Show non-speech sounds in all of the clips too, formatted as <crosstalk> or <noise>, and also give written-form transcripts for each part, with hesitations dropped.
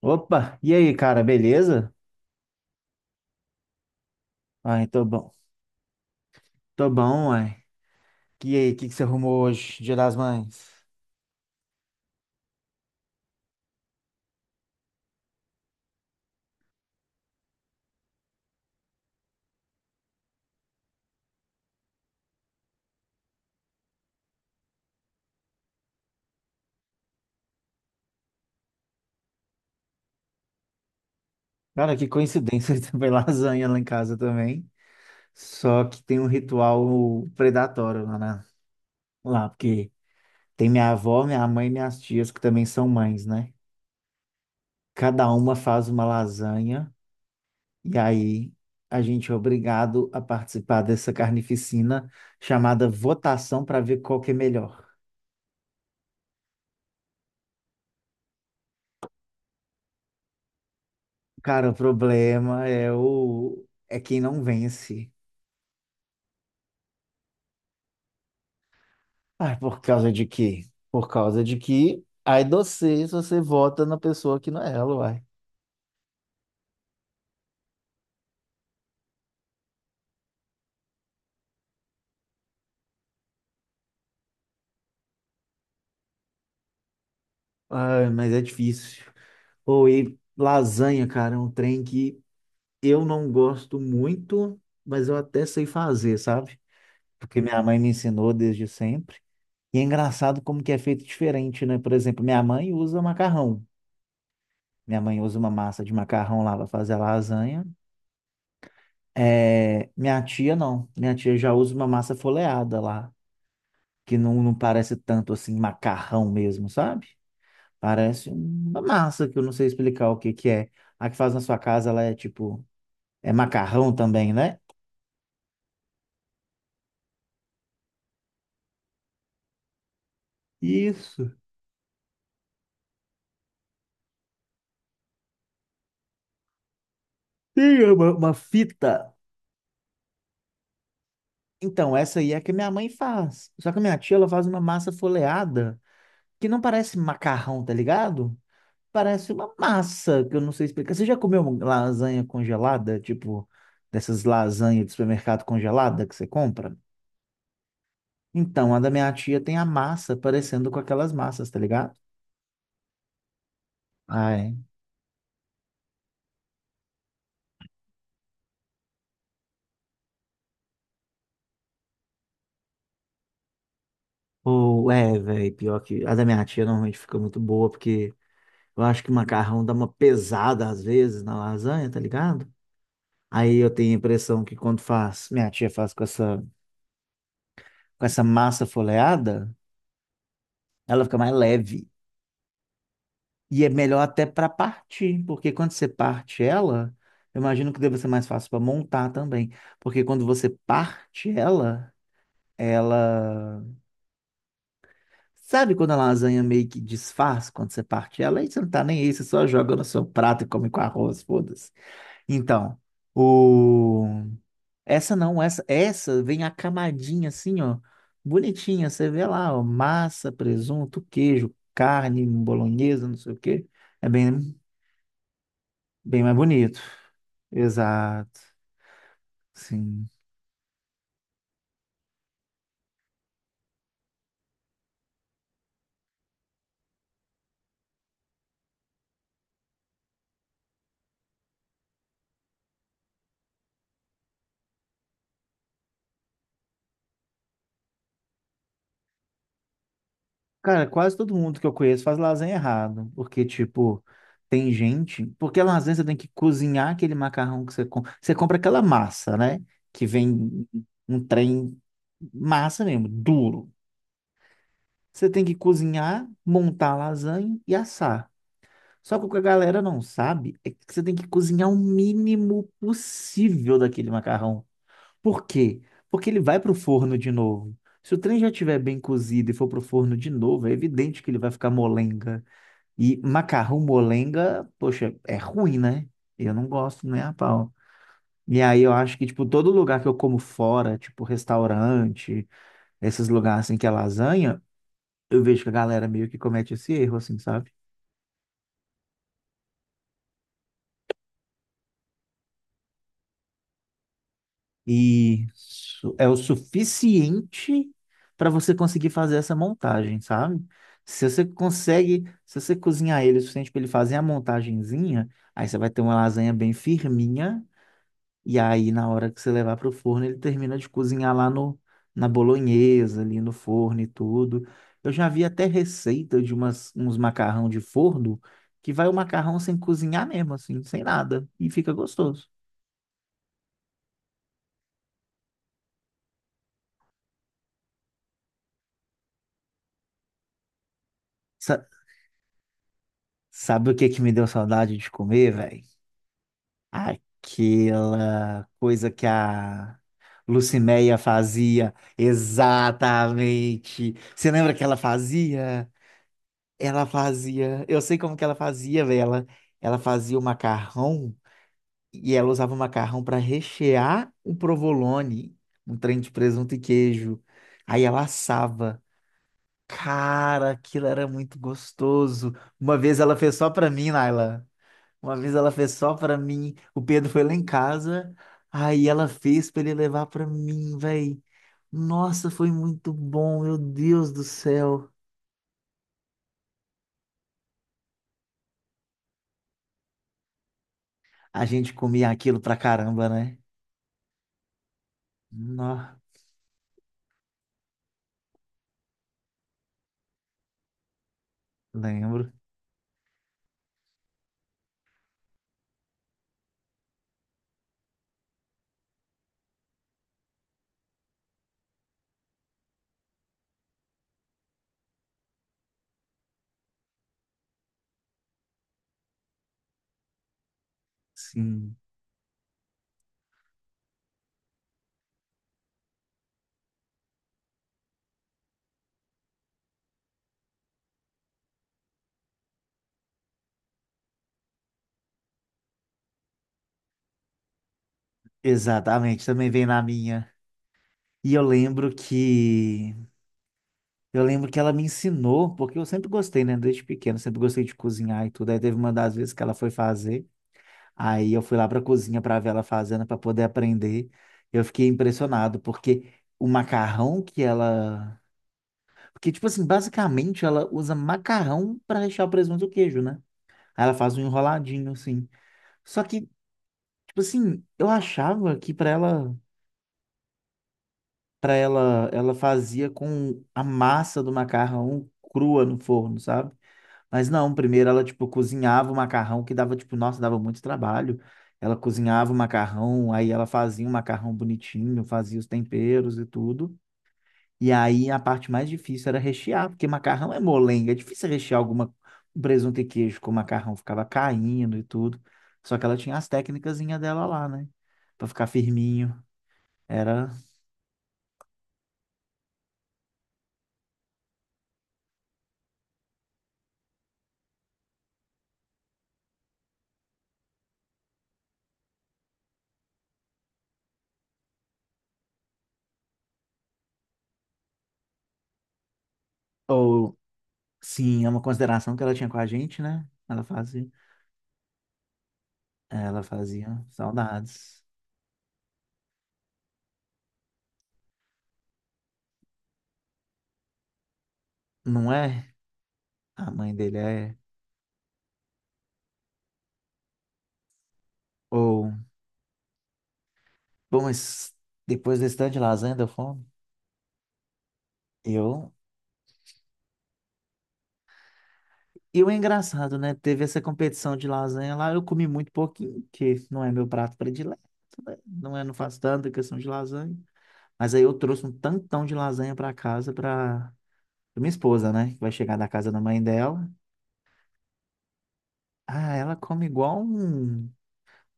Opa, e aí, cara, beleza? Ai, tô bom. Tô bom, uai. E aí, o que que você arrumou hoje, Dia das Mães? Cara, que coincidência, <laughs> também lasanha lá em casa também. Só que tem um ritual predatório lá, lá, porque tem minha avó, minha mãe e minhas tias que também são mães, né? Cada uma faz uma lasanha e aí a gente é obrigado a participar dessa carnificina chamada votação para ver qual que é melhor. Cara, o problema é o é quem não vence. Ah, por causa de quê? Por causa de que aí você vota na pessoa que não é ela, uai. Ai, mas é difícil. Ou e lasanha, cara, é um trem que eu não gosto muito, mas eu até sei fazer, sabe? Porque minha mãe me ensinou desde sempre. E é engraçado como que é feito diferente, né? Por exemplo, minha mãe usa macarrão. Minha mãe usa uma massa de macarrão lá para fazer a lasanha. É, minha tia não. Minha tia já usa uma massa folheada lá, que não, não parece tanto assim macarrão mesmo, sabe? Parece uma massa que eu não sei explicar o que que é. A que faz na sua casa, ela é tipo, é macarrão também, né? Isso. Sim, é uma fita. Então, essa aí é a que minha mãe faz. Só que a minha tia, ela faz uma massa folheada que não parece macarrão, tá ligado? Parece uma massa, que eu não sei explicar. Você já comeu uma lasanha congelada? Tipo, dessas lasanhas de supermercado congelada que você compra? Então, a da minha tia tem a massa parecendo com aquelas massas, tá ligado? Ai. Ou, é, velho, pior que a da minha tia normalmente fica muito boa, porque eu acho que o macarrão dá uma pesada às vezes na lasanha, tá ligado? Aí eu tenho a impressão que quando faz, minha tia faz com essa massa folheada, ela fica mais leve. E é melhor até para partir, porque quando você parte ela, eu imagino que deve ser mais fácil para montar também, porque quando você parte ela, ela Sabe quando a lasanha meio que desfaz quando você parte ela? Aí você não tá nem aí, você só joga no seu prato e come com arroz, foda-se. Então, o... Essa não, essa vem a camadinha assim, ó, bonitinha. Você vê lá, ó, massa, presunto, queijo, carne, bolonhesa, não sei o quê. É bem. Bem mais bonito. Exato. Sim. Cara, quase todo mundo que eu conheço faz lasanha errado. Porque, tipo, tem gente. Porque a lasanha você tem que cozinhar aquele macarrão que você compra. Você compra aquela massa, né? Que vem um trem massa mesmo, duro. Você tem que cozinhar, montar a lasanha e assar. Só que o que a galera não sabe é que você tem que cozinhar o mínimo possível daquele macarrão. Por quê? Porque ele vai para o forno de novo. Se o trem já estiver bem cozido e for para o forno de novo, é evidente que ele vai ficar molenga. E macarrão molenga, poxa, é ruim, né? Eu não gosto nem a pau. E aí eu acho que, tipo, todo lugar que eu como fora, tipo restaurante, esses lugares assim que é lasanha, eu vejo que a galera meio que comete esse erro, assim, sabe? Isso é o suficiente para você conseguir fazer essa montagem, sabe? Se você consegue, se você cozinhar ele o suficiente para ele fazer a montagenzinha, aí você vai ter uma lasanha bem firminha e aí na hora que você levar para o forno, ele termina de cozinhar lá no na bolonhesa, ali no forno e tudo. Eu já vi até receita de umas, uns macarrão de forno que vai o macarrão sem cozinhar mesmo, assim, sem nada, e fica gostoso. Essa Sabe o que que me deu saudade de comer, velho? Aquela coisa que a Lucinéia fazia. Exatamente. Você lembra que ela fazia? Ela fazia. Eu sei como que ela fazia, velho. Ela fazia o macarrão e ela usava o macarrão para rechear o provolone, um trem de presunto e queijo. Aí ela assava. Cara, aquilo era muito gostoso. Uma vez ela fez só pra mim, Naila. Uma vez ela fez só pra mim. O Pedro foi lá em casa. Aí ela fez pra ele levar pra mim, velho. Nossa, foi muito bom, meu Deus do céu. A gente comia aquilo pra caramba, né? Nó, lembro. Sim, exatamente. Também vem na minha. E eu lembro que ela me ensinou, porque eu sempre gostei, né? Desde pequeno, sempre gostei de cozinhar e tudo. Aí teve uma das vezes que ela foi fazer. Aí eu fui lá para a cozinha para ver ela fazendo para poder aprender. Eu fiquei impressionado porque o macarrão que ela, porque tipo assim, basicamente ela usa macarrão para rechear o presunto e o queijo, né? Aí ela faz um enroladinho assim. Só que tipo assim, eu achava que para ela, ela fazia com a massa do macarrão crua no forno, sabe? Mas não, primeiro ela, tipo, cozinhava o macarrão que dava, tipo, nossa, dava muito trabalho. Ela cozinhava o macarrão, aí ela fazia o macarrão bonitinho, fazia os temperos e tudo. E aí a parte mais difícil era rechear, porque macarrão é molenga, é difícil rechear alguma um presunto e queijo com macarrão, ficava caindo e tudo. Só que ela tinha as técnicazinhas dela lá, né? Pra ficar firminho. Era, ou, sim, é uma consideração que ela tinha com a gente, né? Ela fazia saudades. Não é? A mãe dele é. Ou. Bom, mas depois desse tanto de lasanha deu fome? Eu. E o engraçado, né? Teve essa competição de lasanha lá, eu comi muito pouquinho, que não é meu prato predileto, né? Não é, não faço tanta questão de lasanha. Mas aí eu trouxe um tantão de lasanha pra casa pra, pra minha esposa, né? Que vai chegar da casa da mãe dela. Ah, ela come igual um,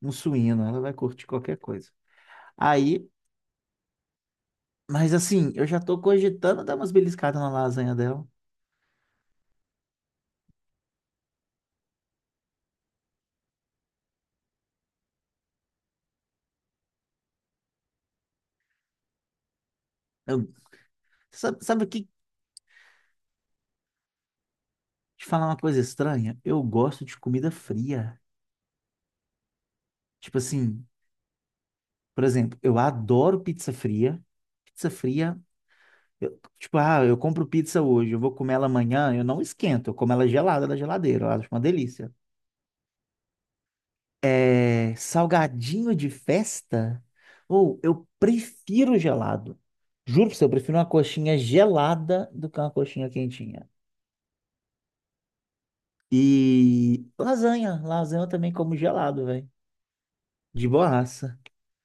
um suíno, ela vai curtir qualquer coisa. Aí, mas assim, eu já tô cogitando dar umas beliscadas na lasanha dela. Eu- Sabe, sabe o que Te falar uma coisa estranha, eu gosto de comida fria. Tipo assim, por exemplo, eu adoro pizza fria. Pizza fria, tipo, ah, eu compro pizza hoje, eu vou comer ela amanhã, eu não esquento, eu como ela gelada da geladeira, eu acho uma delícia. É, salgadinho de festa? Ou eu prefiro gelado. Juro pra você, eu prefiro uma coxinha gelada do que uma coxinha quentinha. E lasanha, lasanha eu também como gelado, velho. De boaça.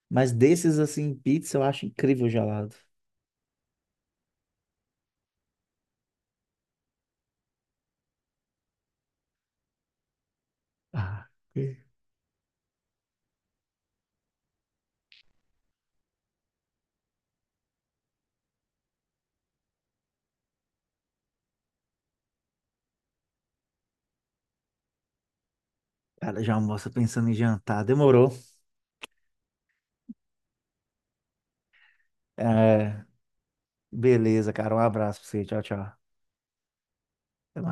Mas desses, assim, pizza eu acho incrível gelado. Ah, ok. Cara, já almoça pensando em jantar. Demorou. É, beleza, cara. Um abraço pra você. Tchau, tchau. Até mais.